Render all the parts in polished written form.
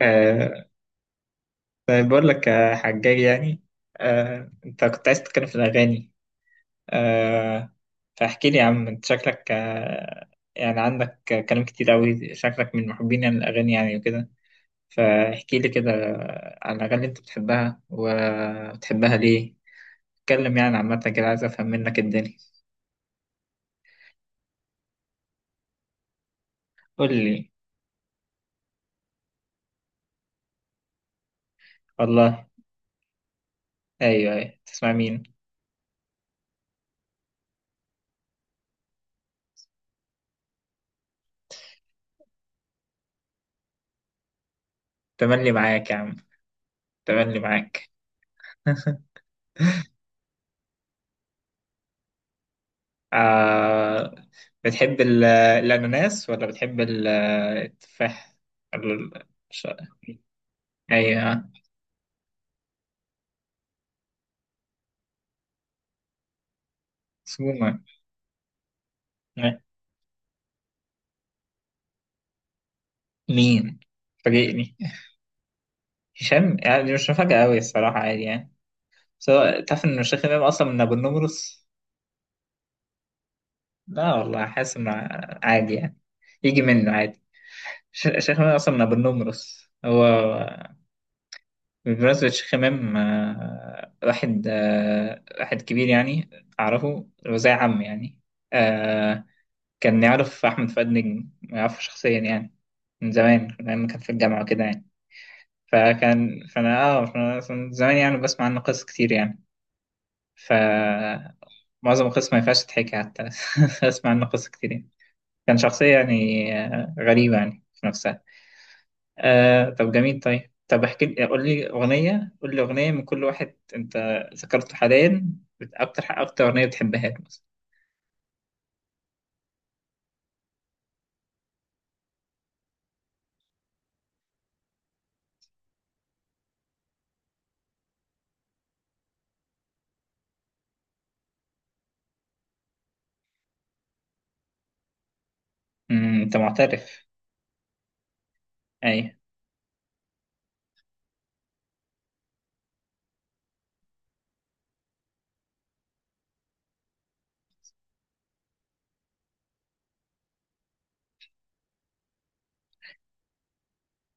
آه. طيب بقول لك يا حجاج، يعني. آه، انت كنت عايز تتكلم في الأغاني. آه. فاحكي لي يا عم، انت شكلك يعني عندك كلام كتير قوي، شكلك من محبين يعني الأغاني يعني وكده. فاحكي لي كده عن الأغاني اللي انت بتحبها وبتحبها ليه. اتكلم يعني عامة كده، عايز أفهم منك الدنيا. قول لي. والله. أيوه أيوه، تسمع مين؟ تملي معاك يا عم، تملي معاك. آه، بتحب الأناناس ولا بتحب التفاح؟ ال- ش- أيوة. سوما. مين؟ فاجئني. هشام يعني مش مفاجأة أوي الصراحة، عادي يعني. بس هو، تعرف إن الشيخ إمام أصلا من أبو النمرس؟ لا والله، حاسس إنه عادي يعني، يجي منه عادي. الشيخ إمام أصلا من أبو النمرس هو. بمناسبة شيخ إمام، واحد، واحد كبير يعني. أعرفه، هو زي عم يعني. آه، كان يعرف أحمد فؤاد نجم، يعرفه شخصيا يعني، من زمان من أيام ما كان في الجامعة وكده يعني. فكان فأنا آه فأنا من زمان يعني بسمع عنه قصص كتير يعني. فمعظم القصص ما ينفعش تتحكي حتى بسمع عنه قصص كتير يعني. كان شخصية يعني غريبة يعني في نفسها. آه طب جميل. طيب طب احكي لي، قول لي أغنية، قول لي أغنية من كل واحد أنت ذكرته حاليا. أكتر أكتر أغنية بتحبها لك مثلا. أنت معترف. أي.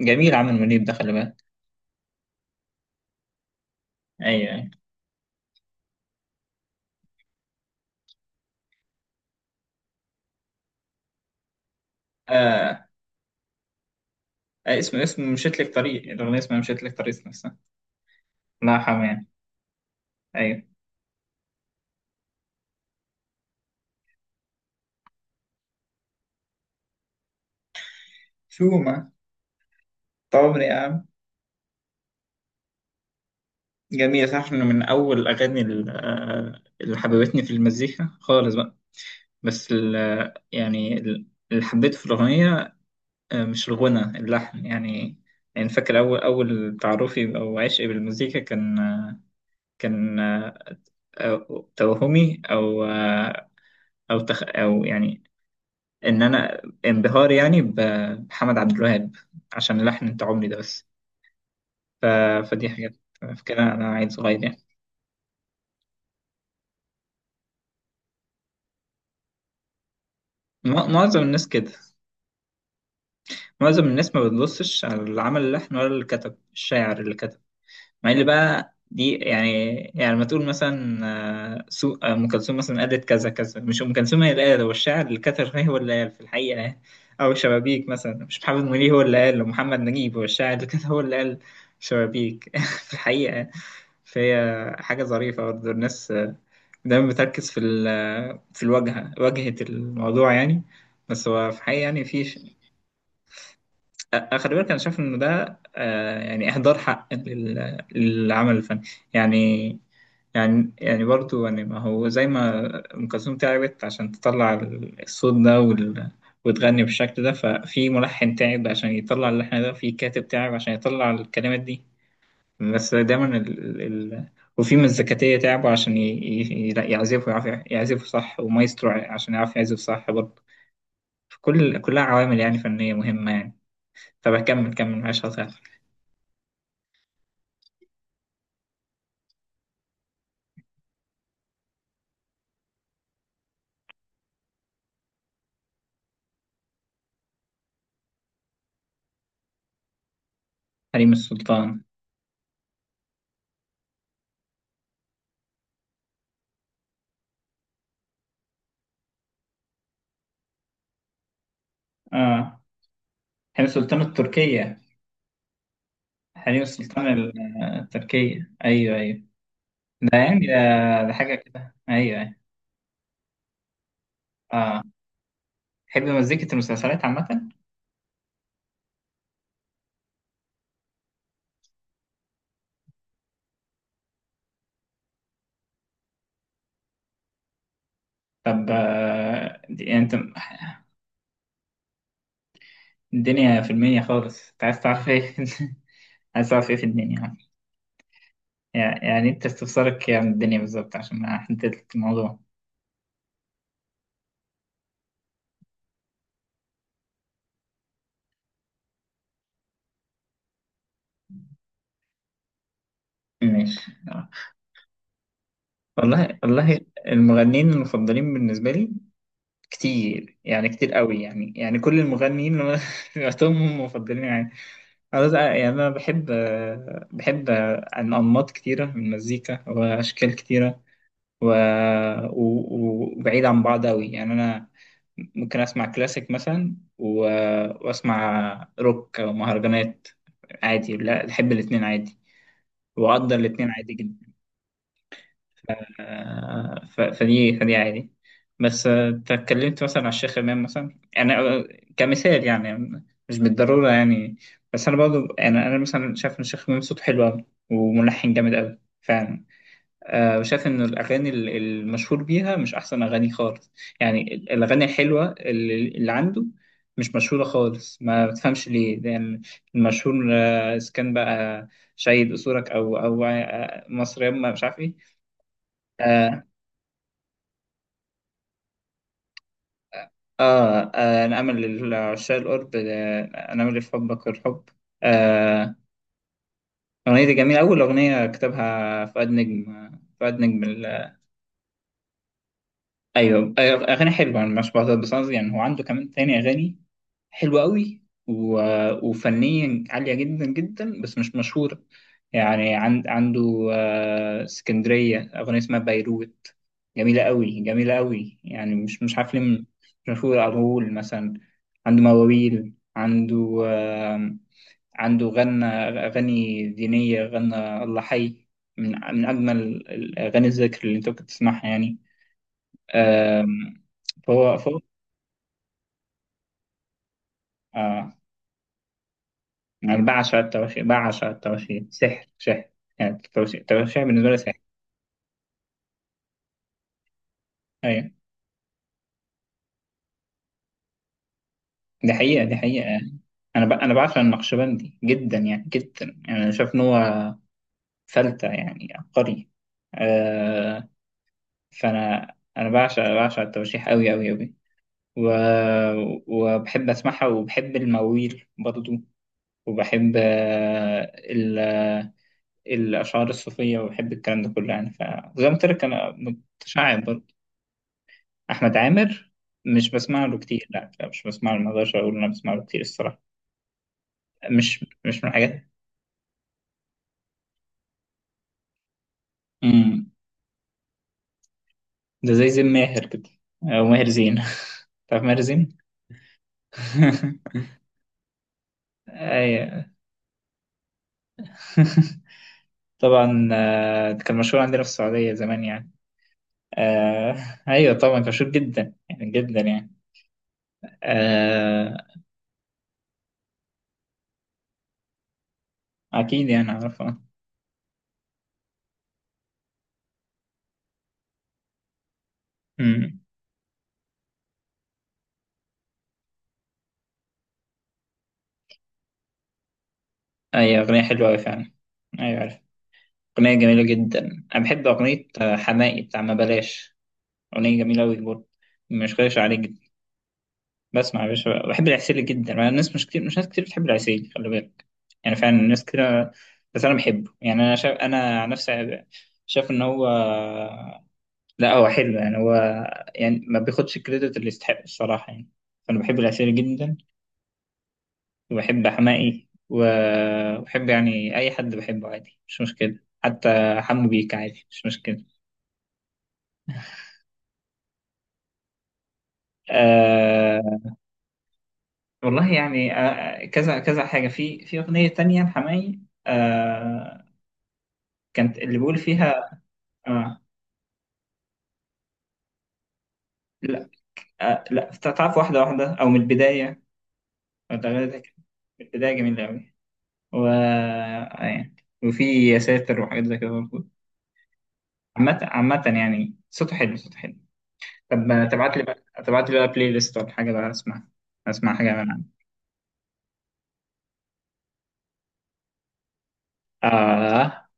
جميل، عامر منيب ده خلي بالك. أيوه أيوه. آه اسم مشيت لك طريق، الأغنية اسمها مشيت لك طريق نفسها. لا حمان. أيوه. شو ما. طبعا يا عم. جميل، صح إنه من أول الأغاني اللي حببتني في المزيكا خالص بقى. بس يعني اللي حبيته في الأغنية، مش الغنى، اللحن يعني. يعني فاكر أول أول تعرفي أو عشقي بالمزيكا كان، كان توهمي أو أو تخ أو يعني، إن أنا انبهاري يعني بحمد عبد الوهاب عشان لحن أنت عمري ده بس. ف... فدي حاجات. فاكرها أنا عيل صغير يعني. معظم الناس كده. معظم الناس ما بتبصش على اللي عمل اللحن ولا اللي كتب، الشاعر اللي كتب. مع ان بقى دي يعني، يعني لما تقول مثلا سو آه، ام كلثوم مثلا قالت كذا كذا، مش ام كلثوم هي اللي قال، هو الشاعر اللي كتر هي، هو اللي قال في الحقيقه يعني. او شبابيك مثلا، مش محمد منير هو اللي قال، ومحمد نجيب هو الشاعر اللي كتر هو اللي قال شبابيك في الحقيقه يعني. فهي حاجه ظريفه برضه، الناس دايما بتركز في في الواجهه، واجهه الموضوع يعني. بس هو في الحقيقه يعني في خلي بالك، انا شايف انه ده يعني اهدار حق للعمل الفني يعني. يعني يعني برضو يعني، ما هو زي ما ام كلثوم تعبت عشان تطلع الصوت ده وتغني بالشكل ده، ففي ملحن تعب عشان يطلع اللحن ده، في كاتب تعب عشان يطلع الكلمات دي. بس دايما وفي مزكاتية تعبوا عشان يعزفوا، يعرفوا يعزفوا صح، ومايسترو عشان يعرف يعزف صح برضه. كل كلها عوامل يعني فنية مهمة يعني. طب كمل كمل، معلش قاطعتك. حريم السلطان. اه. حريم السلطان التركية. حريم السلطان التركية، أيوه أيوه. ده يعني ده، ده حاجة كده، أيوه أيوه. اه. تحب مزيكة المسلسلات عامة؟ طب آه دي، يعني أنت. الدنيا في المنيا خالص، أنت عايز تعرف إيه؟ عايز تعرف إيه في الدنيا يعني؟ يعني أنت استفسارك يعني الدنيا بالظبط عشان أحدد لك الموضوع. ماشي آه. والله والله. المغنيين المفضلين بالنسبة لي كتير يعني، كتير قوي يعني، يعني كل المغنيين اللي أنا سمعتهم هم مفضلين يعني. يعني انا بحب بحب عن انماط كتيره من المزيكا واشكال كتيره و... و... وبعيد عن بعض قوي يعني. انا ممكن اسمع كلاسيك مثلا واسمع روك او مهرجانات عادي، لا بحب الاتنين عادي، وأقدر الاتنين عادي جدا. فدي فدي عادي. بس أنت اتكلمت مثلا على الشيخ إمام مثلا، يعني أنا كمثال يعني، مش بالضرورة يعني. بس أنا برضه أنا مثلا شايف إن الشيخ إمام صوته حلو أوي وملحن جامد أوي فعلا. وشايف إن الأغاني المشهور بيها مش أحسن أغاني خالص، يعني الأغاني الحلوة اللي عنده مش مشهورة خالص، ما بتفهمش ليه، لأن المشهور إذا كان بقى شهيد أصولك أو مصر يما مش عارف إيه. آه، آه نعمل لعشاق القرب، نعمل لحبك الحب. آه. الأغنية دي جميلة، أول أغنية كتبها فؤاد نجم، فؤاد نجم أيوه أيوة. أغاني حلوة، أنا مش بعترض، بس قصدي يعني هو عنده كمان تاني أغاني حلوة قوي وفنيا عالية جدا جدا، بس مش مشهورة. يعني عنده اسكندرية، أغنية اسمها بيروت، جميلة قوي جميلة قوي، يعني مش مش عارف ليه مش مشهورة. أغول مثلا عنده مواويل، عنده عنده غنى أغاني دينية، غنى الله حي، من من أجمل الأغاني، الذكر اللي أنت ممكن تسمعها يعني. آم، فهو آه، أنا بعشق التواشيح، بعشق التواشيح، سحر سحر، يعني التواشيح، التواشيح بالنسبة لي سحر. أيوة. دي حقيقة، دي حقيقة يعني. أنا بعشق النقشبندي جدا يعني، جدا يعني، أنا شايف إن هو فلتة يعني، عبقري. آه... فأنا بعشق بعشق التواشيح أوي أوي أوي، و... وبحب أسمعها، وبحب المواويل برضو، وبحب الأشعار الصوفية، وبحب الكلام ده كله يعني، فزي ما قلت لك أنا متشعب. احمد عامر. مش بسمع له كتير، لا لا، مش بسمع له، ما اقدرش اقول إن انا بسمع له كتير الصراحه، مش مش من الحاجات. امم ده زي زين ماهر كده، او ماهر زين. تعرف ماهر زين. ايوه. طبعا، كان مشهور عندنا في السعوديه زمان يعني. آه. ايوه طبعا كان مشهور جدا يعني، جدا يعني. آه. اكيد يعني اعرفه. امم ايوه، اغنيه حلوه قوي فعلا. ايوه عارف، اغنيه جميله جدا. انا بحب اغنيه حماقي، بتاع ما بلاش، أغنية جميلة أوي برضه، مش غايش عليك جدا. بسمع يا باشا، بحب العسيلي جدا، مع الناس مش كتير، مش ناس كتير بتحب العسيلي، خلي بالك، يعني فعلا الناس كده. بس أنا بحبه يعني، أنا شايف أنا عن نفسي، شايف إن هو، لا هو حلو يعني، هو يعني ما بياخدش الكريدت اللي يستحق الصراحة يعني، فأنا بحب العسيلي جدا. وبحب حماقي وبحب يعني أي حد، بحبه عادي مش مشكلة، حتى حمو بيك عادي مش مشكلة. آه، والله يعني كذا كذا حاجة، في في أغنية تانية لحماقي. آه كانت اللي بيقول فيها. آه. لا. آه لا تعرف، واحدة واحدة أو من البداية. ولا غير ده كده. من البداية جميلة أوي و آه، يعني. وفي يا ساتر وحاجات زي كده برضه. عامة عامة يعني صوته حلو، صوته حلو. طب ما تبعت لي بقى، تبعت لي بقى بلاي ليست ولا حاجة بقى أسمع، أسمع حاجة من عندك. آه،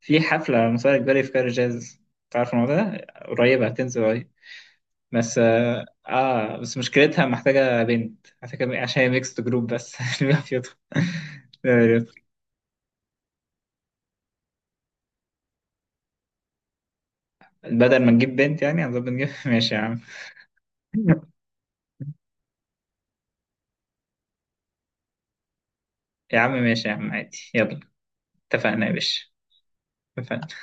في حفلة مسار إجباري في كار جاز، تعرف الموضوع ده، قريبة هتنزل قريب. بس اه بس مشكلتها محتاجة بنت، محتاجة عشان هي ميكست جروب بس اللي بيبقى فيهم. بدل ما نجيب بنت يعني هنظبط نجيب ماشي يا عم. يا عم ماشي يا عم، عادي، يلا اتفقنا يا باشا. اتفقنا.